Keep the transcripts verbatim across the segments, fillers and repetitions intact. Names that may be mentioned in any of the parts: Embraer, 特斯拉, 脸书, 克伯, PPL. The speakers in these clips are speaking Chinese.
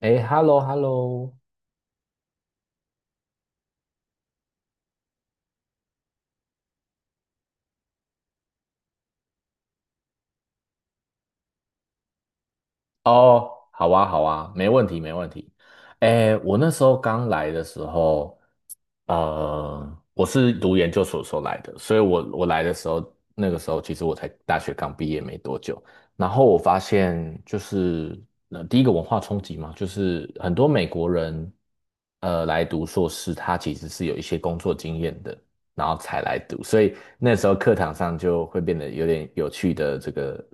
哎，hello，hello，哦，好啊，好啊，没问题，没问题。哎，我那时候刚来的时候，呃，我是读研究所的时候来的，所以我我来的时候，那个时候其实我才大学刚毕业没多久，然后我发现就是，呃，第一个文化冲击嘛，就是很多美国人，呃，来读硕士，他其实是有一些工作经验的，然后才来读，所以那时候课堂上就会变得有点有趣的这个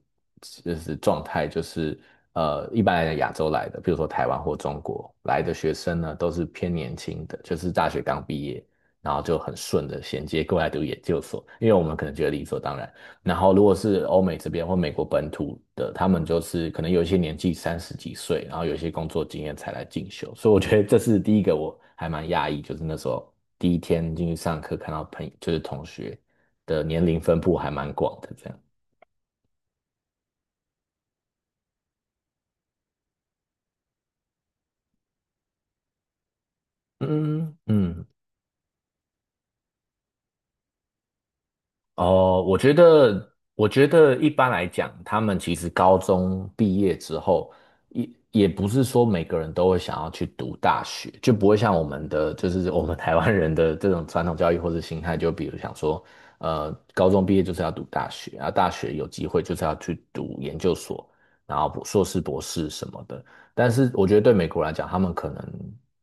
就是状态，就是。呃，一般来讲亚洲来的，比如说台湾或中国来的学生呢，都是偏年轻的，就是大学刚毕业，然后就很顺的衔接过来读研究所，因为我们可能觉得理所当然。然后如果是欧美这边或美国本土的，他们就是可能有一些年纪三十几岁，然后有一些工作经验才来进修，所以我觉得这是第一个我还蛮讶异，就是那时候第一天进去上课看到朋就是同学的年龄分布还蛮广的这样。嗯嗯。哦，我觉得，我觉得一般来讲，他们其实高中毕业之后，也也不是说每个人都会想要去读大学，就不会像我们的，就是我们台湾人的这种传统教育或者心态，就比如想说，呃，高中毕业就是要读大学，啊，大学有机会就是要去读研究所，然后博硕士、博士什么的。但是我觉得对美国来讲，他们可能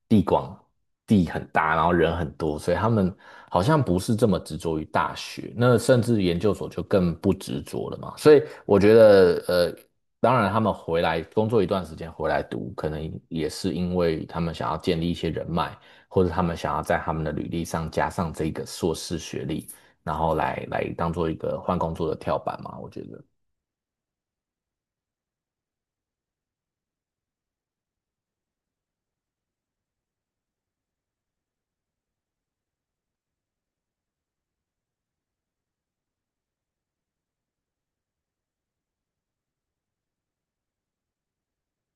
地广地很大，然后人很多，所以他们好像不是这么执着于大学，那甚至研究所就更不执着了嘛。所以我觉得，呃，当然他们回来工作一段时间回来读，可能也是因为他们想要建立一些人脉，或者他们想要在他们的履历上加上这个硕士学历，然后来来当做一个换工作的跳板嘛。我觉得。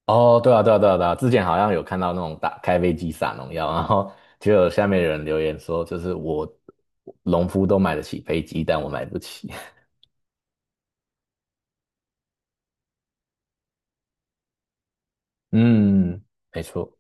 哦，对啊，对啊，对啊，对啊，之前好像有看到那种打开飞机撒农药，然后 就有下面有人留言说，就是我农夫都买得起飞机，但我买不起。嗯，没错。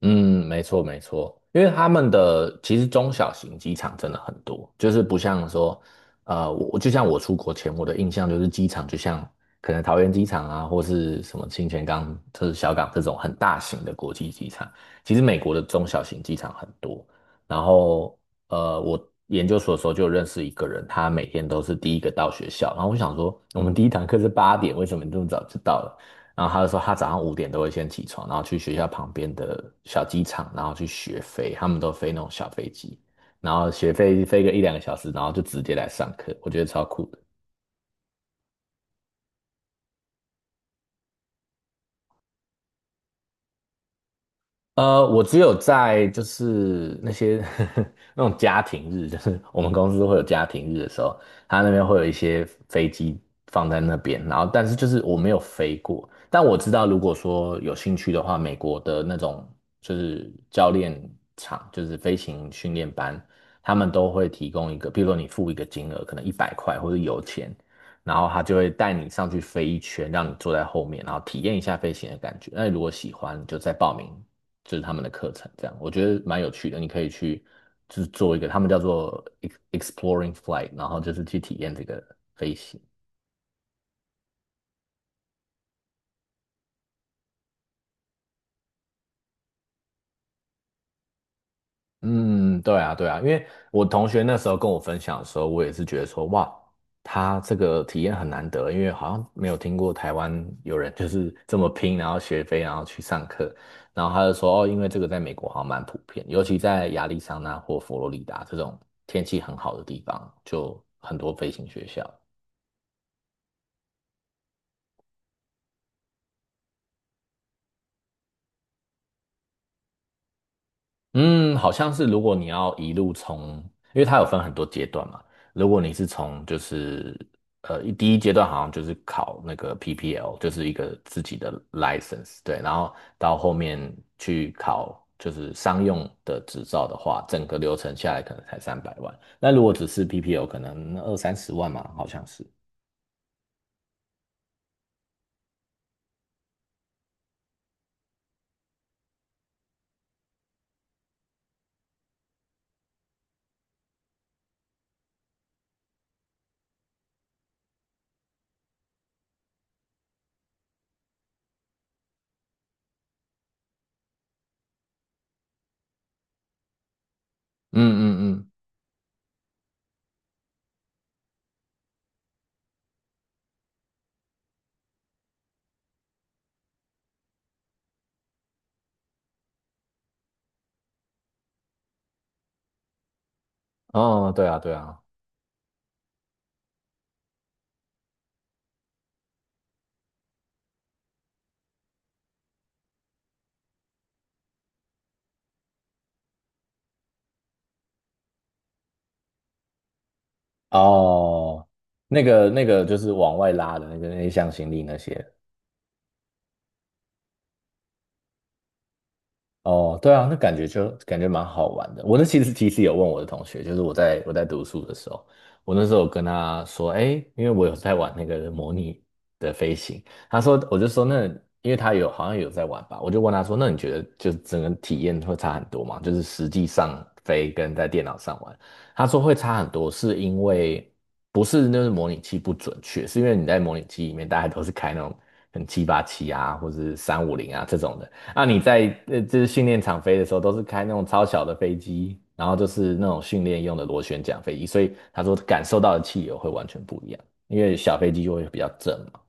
嗯，没错没错，因为他们的其实中小型机场真的很多，就是不像说，呃，我就像我出国前，我的印象就是机场就像可能桃园机场啊，或是什么清泉岗、就是小港这种很大型的国际机场。其实美国的中小型机场很多，然后呃，我研究所的时候就认识一个人，他每天都是第一个到学校，然后我想说，我们第一堂课是八点，为什么你这么早就到了？然后他就说他早上五点都会先起床，然后去学校旁边的小机场，然后去学飞，他们都飞那种小飞机，然后学飞飞个一两个小时，然后就直接来上课，我觉得超酷的。呃，我只有在就是那些 那种家庭日，就是我们公司会有家庭日的时候，他那边会有一些飞机放在那边，然后但是就是我没有飞过，但我知道如果说有兴趣的话，美国的那种就是教练场，就是飞行训练班，他们都会提供一个，比如说你付一个金额，可能一百块或者油钱，然后他就会带你上去飞一圈，让你坐在后面，然后体验一下飞行的感觉。那你如果喜欢，你就再报名就是他们的课程，这样我觉得蛮有趣的。你可以去就是做一个，他们叫做 ex- exploring flight，然后就是去体验这个飞行。嗯，对啊，对啊，因为我同学那时候跟我分享的时候，我也是觉得说，哇，他这个体验很难得，因为好像没有听过台湾有人就是这么拼，然后学飞，然后去上课。然后他就说，哦，因为这个在美国好像蛮普遍，尤其在亚利桑那或佛罗里达这种天气很好的地方，就很多飞行学校。嗯，好像是如果你要一路从，因为它有分很多阶段嘛。如果你是从就是呃一第一阶段好像就是考那个 P P L，就是一个自己的 license，对，然后到后面去考就是商用的执照的话，整个流程下来可能才三百万。那如果只是 P P L，可能二三十万嘛，好像是。嗯嗯嗯，哦，对啊对啊，哦，那个那个就是往外拉的那个那些向心力那些。哦，对啊，那感觉就感觉蛮好玩的。我那其实其实有问我的同学，就是我在我在读书的时候，我那时候有跟他说，哎，因为我有在玩那个模拟的飞行，他说我就说那因为他有好像有在玩吧，我就问他说，那你觉得就是整个体验会差很多吗？就是实际上飞跟在电脑上玩，他说会差很多，是因为不是那个模拟器不准确，是因为你在模拟器里面大家都是开那种很七八七啊，或者是三五零啊这种的。那你在呃，就是训练场飞的时候，都是开那种超小的飞机，然后就是那种训练用的螺旋桨飞机，所以他说感受到的气流会完全不一样，因为小飞机就会比较正嘛。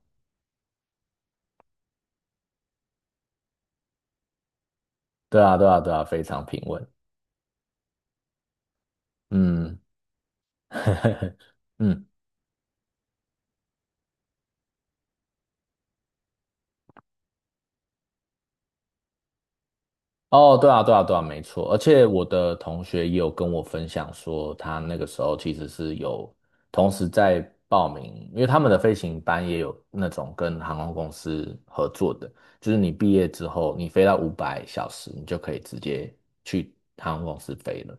对啊，对啊，对啊，非常平稳。嗯，嗯。哦，对啊，对啊，对啊，没错。而且我的同学也有跟我分享说，他那个时候其实是有同时在报名，因为他们的飞行班也有那种跟航空公司合作的，就是你毕业之后，你飞到五百小时，你就可以直接去航空公司飞了。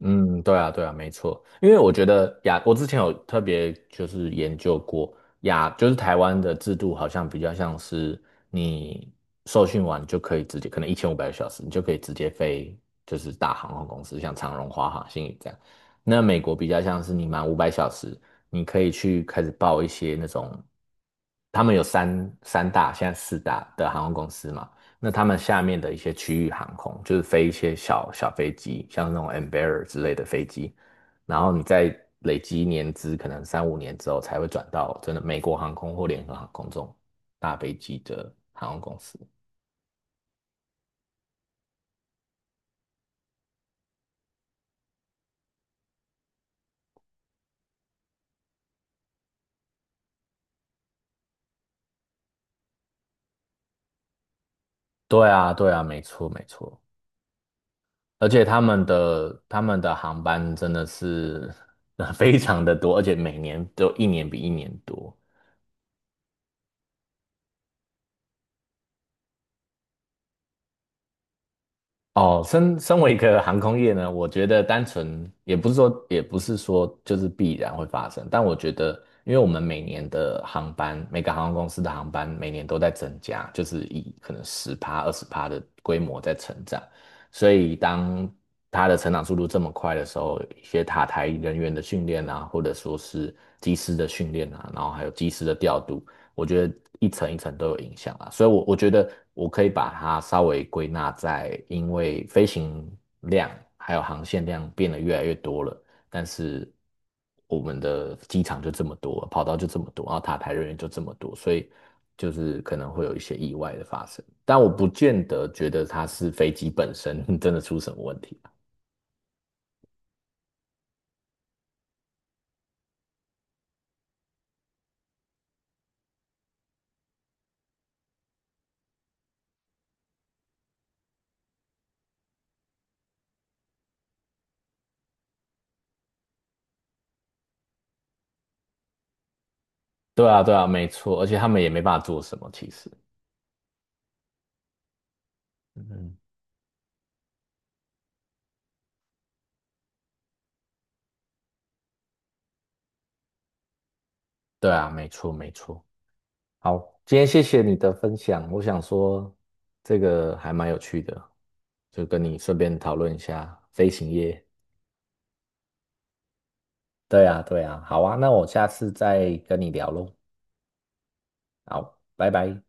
嗯，对啊，对啊，没错，因为我觉得亚，我之前有特别就是研究过亚，就是台湾的制度好像比较像是你受训完就可以直接，可能一千五百个小时，你就可以直接飞，就是大航空公司，像长荣、华航、新宇这样。那美国比较像是你满五百小时，你可以去开始报一些那种，他们有三三大，现在四大的航空公司嘛。那他们下面的一些区域航空，就是飞一些小小飞机，像那种 Embraer 之类的飞机，然后你再累积年资，可能三五年之后才会转到真的美国航空或联合航空这种大飞机的航空公司。对啊，对啊，没错，没错。而且他们的他们的航班真的是呃 非常的多，而且每年都一年比一年多。哦，身身为一个航空业呢，我觉得单纯也不是说，也不是说就是必然会发生，但我觉得，因为我们每年的航班，每个航空公司的航班每年都在增加，就是以可能十趴、二十趴的规模在成长，所以当它的成长速度这么快的时候，一些塔台人员的训练啊，或者说是机师的训练啊，然后还有机师的调度，我觉得一层一层都有影响啊，所以我我觉得我可以把它稍微归纳在，因为飞行量还有航线量变得越来越多了，但是我们的机场就这么多，跑道就这么多，然后塔台人员就这么多，所以就是可能会有一些意外的发生，但我不见得觉得它是飞机本身 真的出什么问题啊。对啊，对啊，没错，而且他们也没办法做什么，其实，嗯，对啊，没错，没错。好，今天谢谢你的分享，我想说这个还蛮有趣的，就跟你顺便讨论一下飞行业。对啊，对啊，好啊，那我下次再跟你聊喽。好，拜拜。